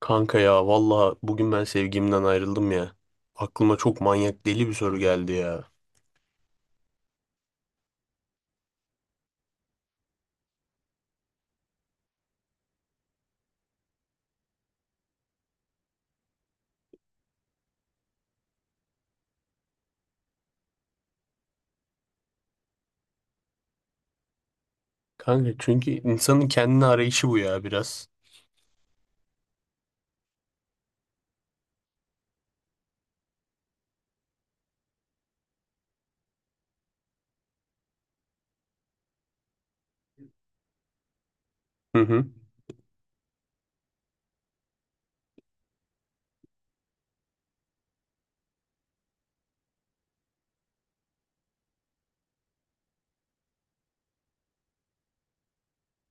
Kanka ya valla bugün ben sevgimden ayrıldım ya. Aklıma çok manyak deli bir soru geldi ya. Kanka çünkü insanın kendini arayışı bu ya biraz. Hı hı.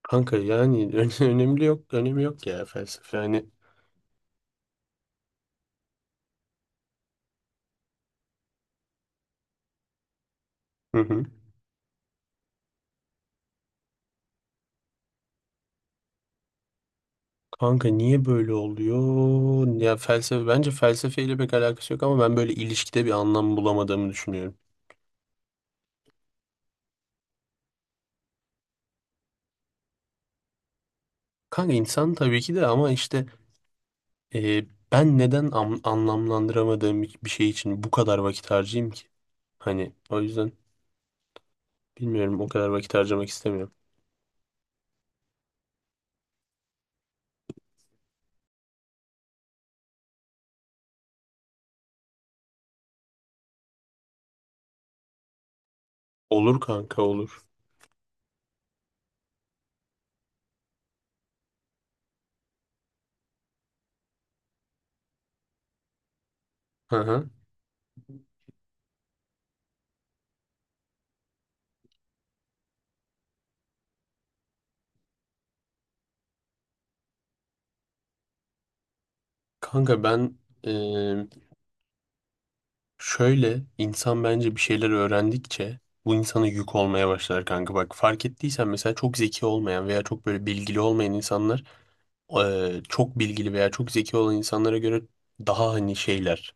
Kanka yani ö- önemli yok, önemi yok ya felsefe yani. Hı hı. Kanka niye böyle oluyor? Ya felsefe bence felsefeyle pek alakası yok ama ben böyle ilişkide bir anlam bulamadığımı düşünüyorum. Kanka insan tabii ki de ama işte e, ben neden anlamlandıramadığım bir şey için bu kadar vakit harcayayım ki? Hani o yüzden bilmiyorum o kadar vakit harcamak istemiyorum. Olur kanka olur. Hı hı. Kanka ben e, şöyle insan bence bir şeyler öğrendikçe bu insana yük olmaya başlar kanka. Bak fark ettiysen mesela çok zeki olmayan veya çok böyle bilgili olmayan insanlar çok bilgili veya çok zeki olan insanlara göre daha hani şeyler,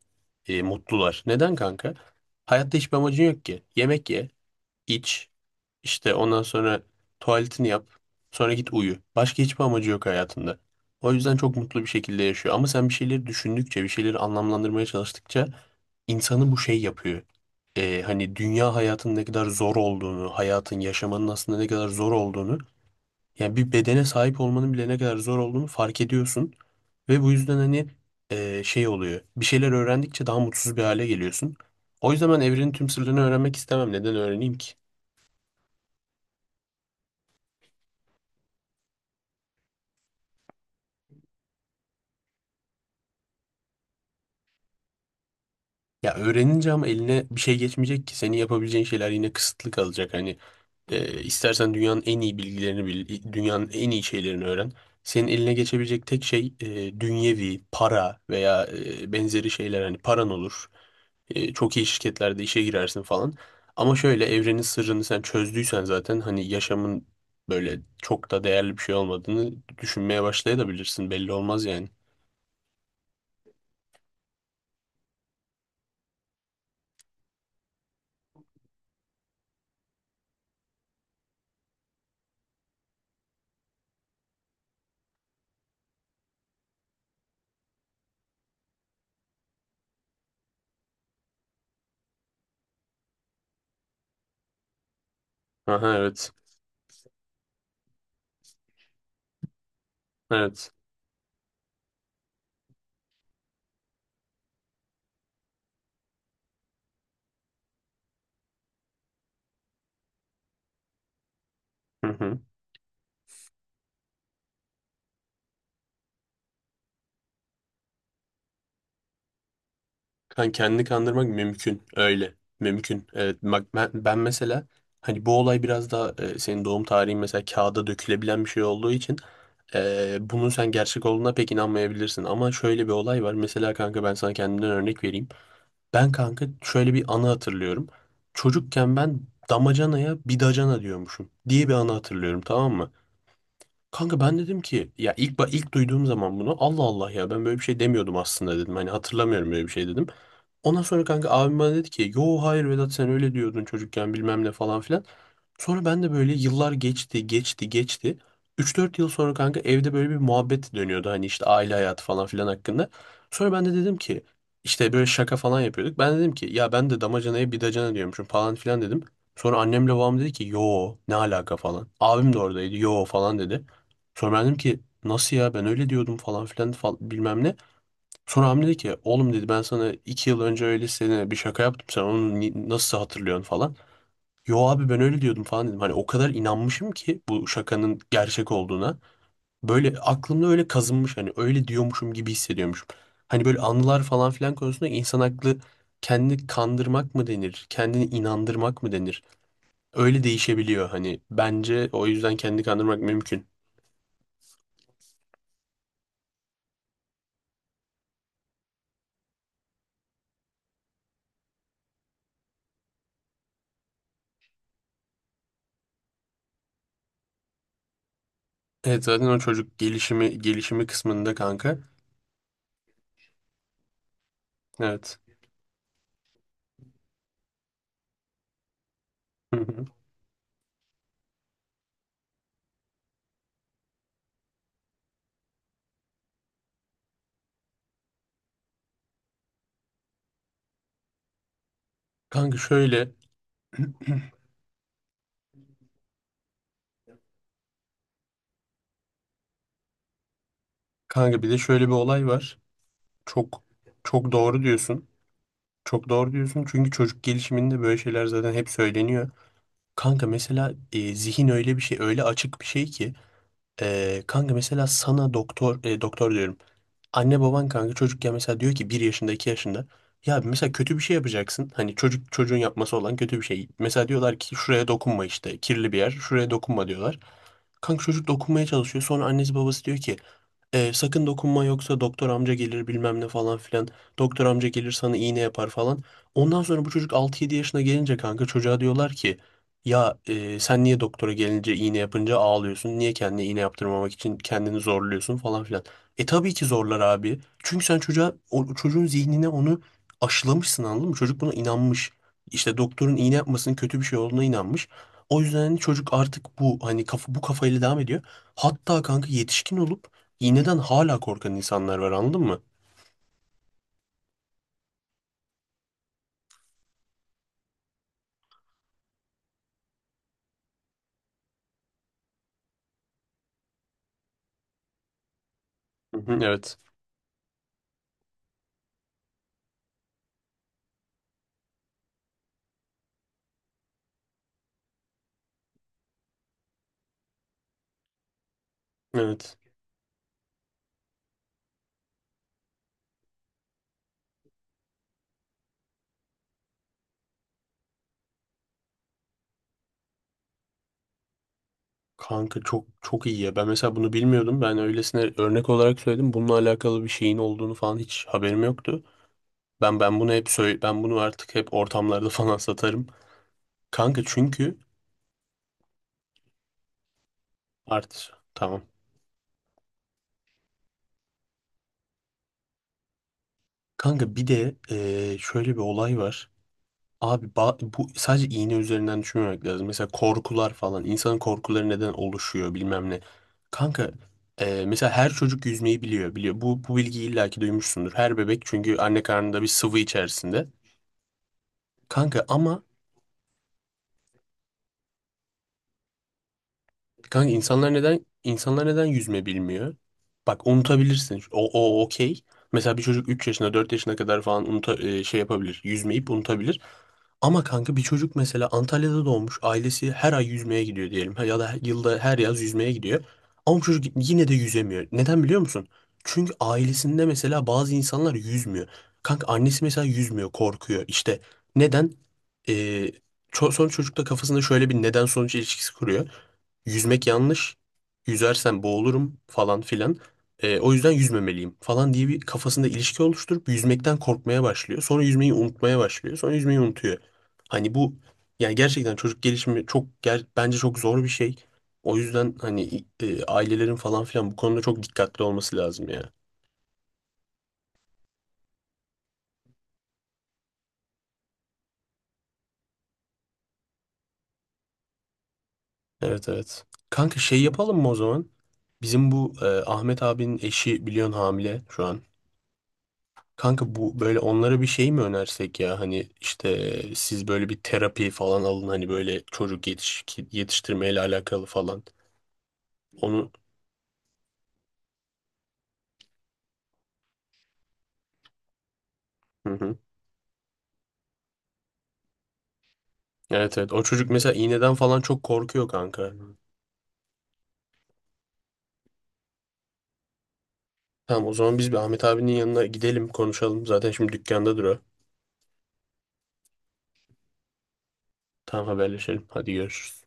mutlular. Neden kanka? Hayatta hiçbir amacın yok ki. Yemek ye, iç, işte ondan sonra tuvaletini yap, sonra git uyu. Başka hiçbir amacı yok hayatında. O yüzden çok mutlu bir şekilde yaşıyor. Ama sen bir şeyleri düşündükçe, bir şeyleri anlamlandırmaya çalıştıkça insanı bu şey yapıyor. Hani dünya hayatının ne kadar zor olduğunu, hayatın, yaşamanın aslında ne kadar zor olduğunu yani bir bedene sahip olmanın bile ne kadar zor olduğunu fark ediyorsun. Ve bu yüzden hani şey oluyor. Bir şeyler öğrendikçe daha mutsuz bir hale geliyorsun. O yüzden ben evrenin tüm sırlarını öğrenmek istemem. Neden öğreneyim ki? Ya öğrenince ama eline bir şey geçmeyecek ki. Senin yapabileceğin şeyler yine kısıtlı kalacak. Hani istersen dünyanın en iyi bilgilerini bil, dünyanın en iyi şeylerini öğren. Senin eline geçebilecek tek şey dünyevi, para veya benzeri şeyler. Hani paran olur, çok iyi şirketlerde işe girersin falan. Ama şöyle evrenin sırrını sen çözdüysen zaten hani yaşamın böyle çok da değerli bir şey olmadığını düşünmeye başlayabilirsin. Belli olmaz yani. Aha evet. Evet. Hı hı. Kan kendini kandırmak mümkün. Öyle. Mümkün. Evet. Bak ben, ben mesela hani bu olay biraz daha senin doğum tarihin mesela kağıda dökülebilen bir şey olduğu için bunun sen gerçek olduğuna pek inanmayabilirsin. Ama şöyle bir olay var. Mesela kanka ben sana kendimden örnek vereyim. Ben kanka şöyle bir anı hatırlıyorum. Çocukken ben damacanaya bidacana diyormuşum diye bir anı hatırlıyorum, tamam mı? Kanka ben dedim ki ya ilk ilk duyduğum zaman bunu Allah Allah ya ben böyle bir şey demiyordum aslında dedim. Hani hatırlamıyorum böyle bir şey dedim. Ondan sonra kanka abim bana dedi ki yo hayır Vedat sen öyle diyordun çocukken bilmem ne falan filan. Sonra ben de böyle yıllar geçti geçti geçti. 3-4 yıl sonra kanka evde böyle bir muhabbet dönüyordu hani işte aile hayatı falan filan hakkında. Sonra ben de dedim ki işte böyle şaka falan yapıyorduk. Ben dedim ki ya ben de damacanaya bidacana diyormuşum falan filan dedim. Sonra annemle babam dedi ki yo ne alaka falan. Abim de oradaydı yo falan dedi. Sonra ben dedim ki nasıl ya ben öyle diyordum falan filan bilmem ne. Sonra Hamdi dedi ki oğlum dedi ben sana 2 yıl önce öyle sene bir şaka yaptım sen onu nasıl hatırlıyorsun falan. Yo abi ben öyle diyordum falan dedim. Hani o kadar inanmışım ki bu şakanın gerçek olduğuna. Böyle aklımda öyle kazınmış hani öyle diyormuşum gibi hissediyormuşum. Hani böyle anılar falan filan konusunda insan aklı kendini kandırmak mı denir? Kendini inandırmak mı denir? Öyle değişebiliyor hani. Bence o yüzden kendini kandırmak mümkün. Evet zaten o çocuk gelişimi kısmında kanka. Evet. Hı hı. Kanka şöyle kanka bir de şöyle bir olay var. Çok çok doğru diyorsun. Çok doğru diyorsun çünkü çocuk gelişiminde böyle şeyler zaten hep söyleniyor. Kanka mesela zihin öyle bir şey öyle açık bir şey ki kanka mesela sana doktor diyorum. Anne baban kanka çocukken mesela diyor ki 1 yaşında 2 yaşında ya mesela kötü bir şey yapacaksın. Hani çocuk çocuğun yapması olan kötü bir şey. Mesela diyorlar ki şuraya dokunma işte kirli bir yer şuraya dokunma diyorlar. Kanka çocuk dokunmaya çalışıyor. Sonra annesi babası diyor ki sakın dokunma yoksa doktor amca gelir bilmem ne falan filan. Doktor amca gelir sana iğne yapar falan. Ondan sonra bu çocuk 6-7 yaşına gelince kanka çocuğa diyorlar ki ya sen niye doktora gelince iğne yapınca ağlıyorsun? Niye kendine iğne yaptırmamak için kendini zorluyorsun falan filan. E tabii ki zorlar abi. Çünkü sen çocuğa çocuğun zihnine onu aşılamışsın, anladın mı? Çocuk buna inanmış. İşte doktorun iğne yapmasının kötü bir şey olduğuna inanmış. O yüzden hani çocuk artık bu hani kafa, bu kafayla devam ediyor. Hatta kanka yetişkin olup İğneden hala korkan insanlar var, anladın mı? Hı hı, evet. Evet. Kanka çok çok iyi ya. Ben mesela bunu bilmiyordum. Ben öylesine örnek olarak söyledim. Bununla alakalı bir şeyin olduğunu falan hiç haberim yoktu. Ben ben bunu hep söyle ben bunu artık hep ortamlarda falan satarım. Kanka çünkü artı tamam. Kanka bir de şöyle bir olay var. Abi bu sadece iğne üzerinden düşünmemek lazım. Mesela korkular falan. İnsanın korkuları neden oluşuyor bilmem ne. Kanka mesela her çocuk yüzmeyi biliyor. Bu, bu bilgiyi illaki duymuşsundur. Her bebek çünkü anne karnında bir sıvı içerisinde. Kanka ama kanka insanlar neden yüzme bilmiyor? Bak unutabilirsin. O okey. Mesela bir çocuk 3 yaşına 4 yaşına kadar falan şey yapabilir. Yüzmeyip unutabilir. Ama kanka bir çocuk mesela Antalya'da doğmuş, ailesi her ay yüzmeye gidiyor diyelim ya da yılda her yaz yüzmeye gidiyor. Ama bu çocuk yine de yüzemiyor. Neden biliyor musun? Çünkü ailesinde mesela bazı insanlar yüzmüyor. Kanka annesi mesela yüzmüyor, korkuyor. İşte neden? Ee, son çocukta kafasında şöyle bir neden sonuç ilişkisi kuruyor. Yüzmek yanlış, yüzersem boğulurum falan filan. O yüzden yüzmemeliyim falan diye bir kafasında ilişki oluşturup yüzmekten korkmaya başlıyor. Sonra yüzmeyi unutmaya başlıyor. Sonra yüzmeyi unutuyor. Hani bu yani gerçekten çocuk gelişimi çok bence çok zor bir şey. O yüzden hani ailelerin falan filan bu konuda çok dikkatli olması lazım ya. Evet evet. Kanka şey yapalım mı o zaman? Bizim bu Ahmet abinin eşi biliyorsun hamile şu an. Kanka bu böyle onlara bir şey mi önersek ya? Hani işte siz böyle bir terapi falan alın hani böyle çocuk yetiştirmeyle alakalı falan. Onu Hı hı. Evet evet. O çocuk mesela iğneden falan çok korkuyor kanka. Tamam, o zaman biz bir Ahmet abinin yanına gidelim konuşalım. Zaten şimdi dükkanda duruyor. Tamam haberleşelim. Hadi görüşürüz.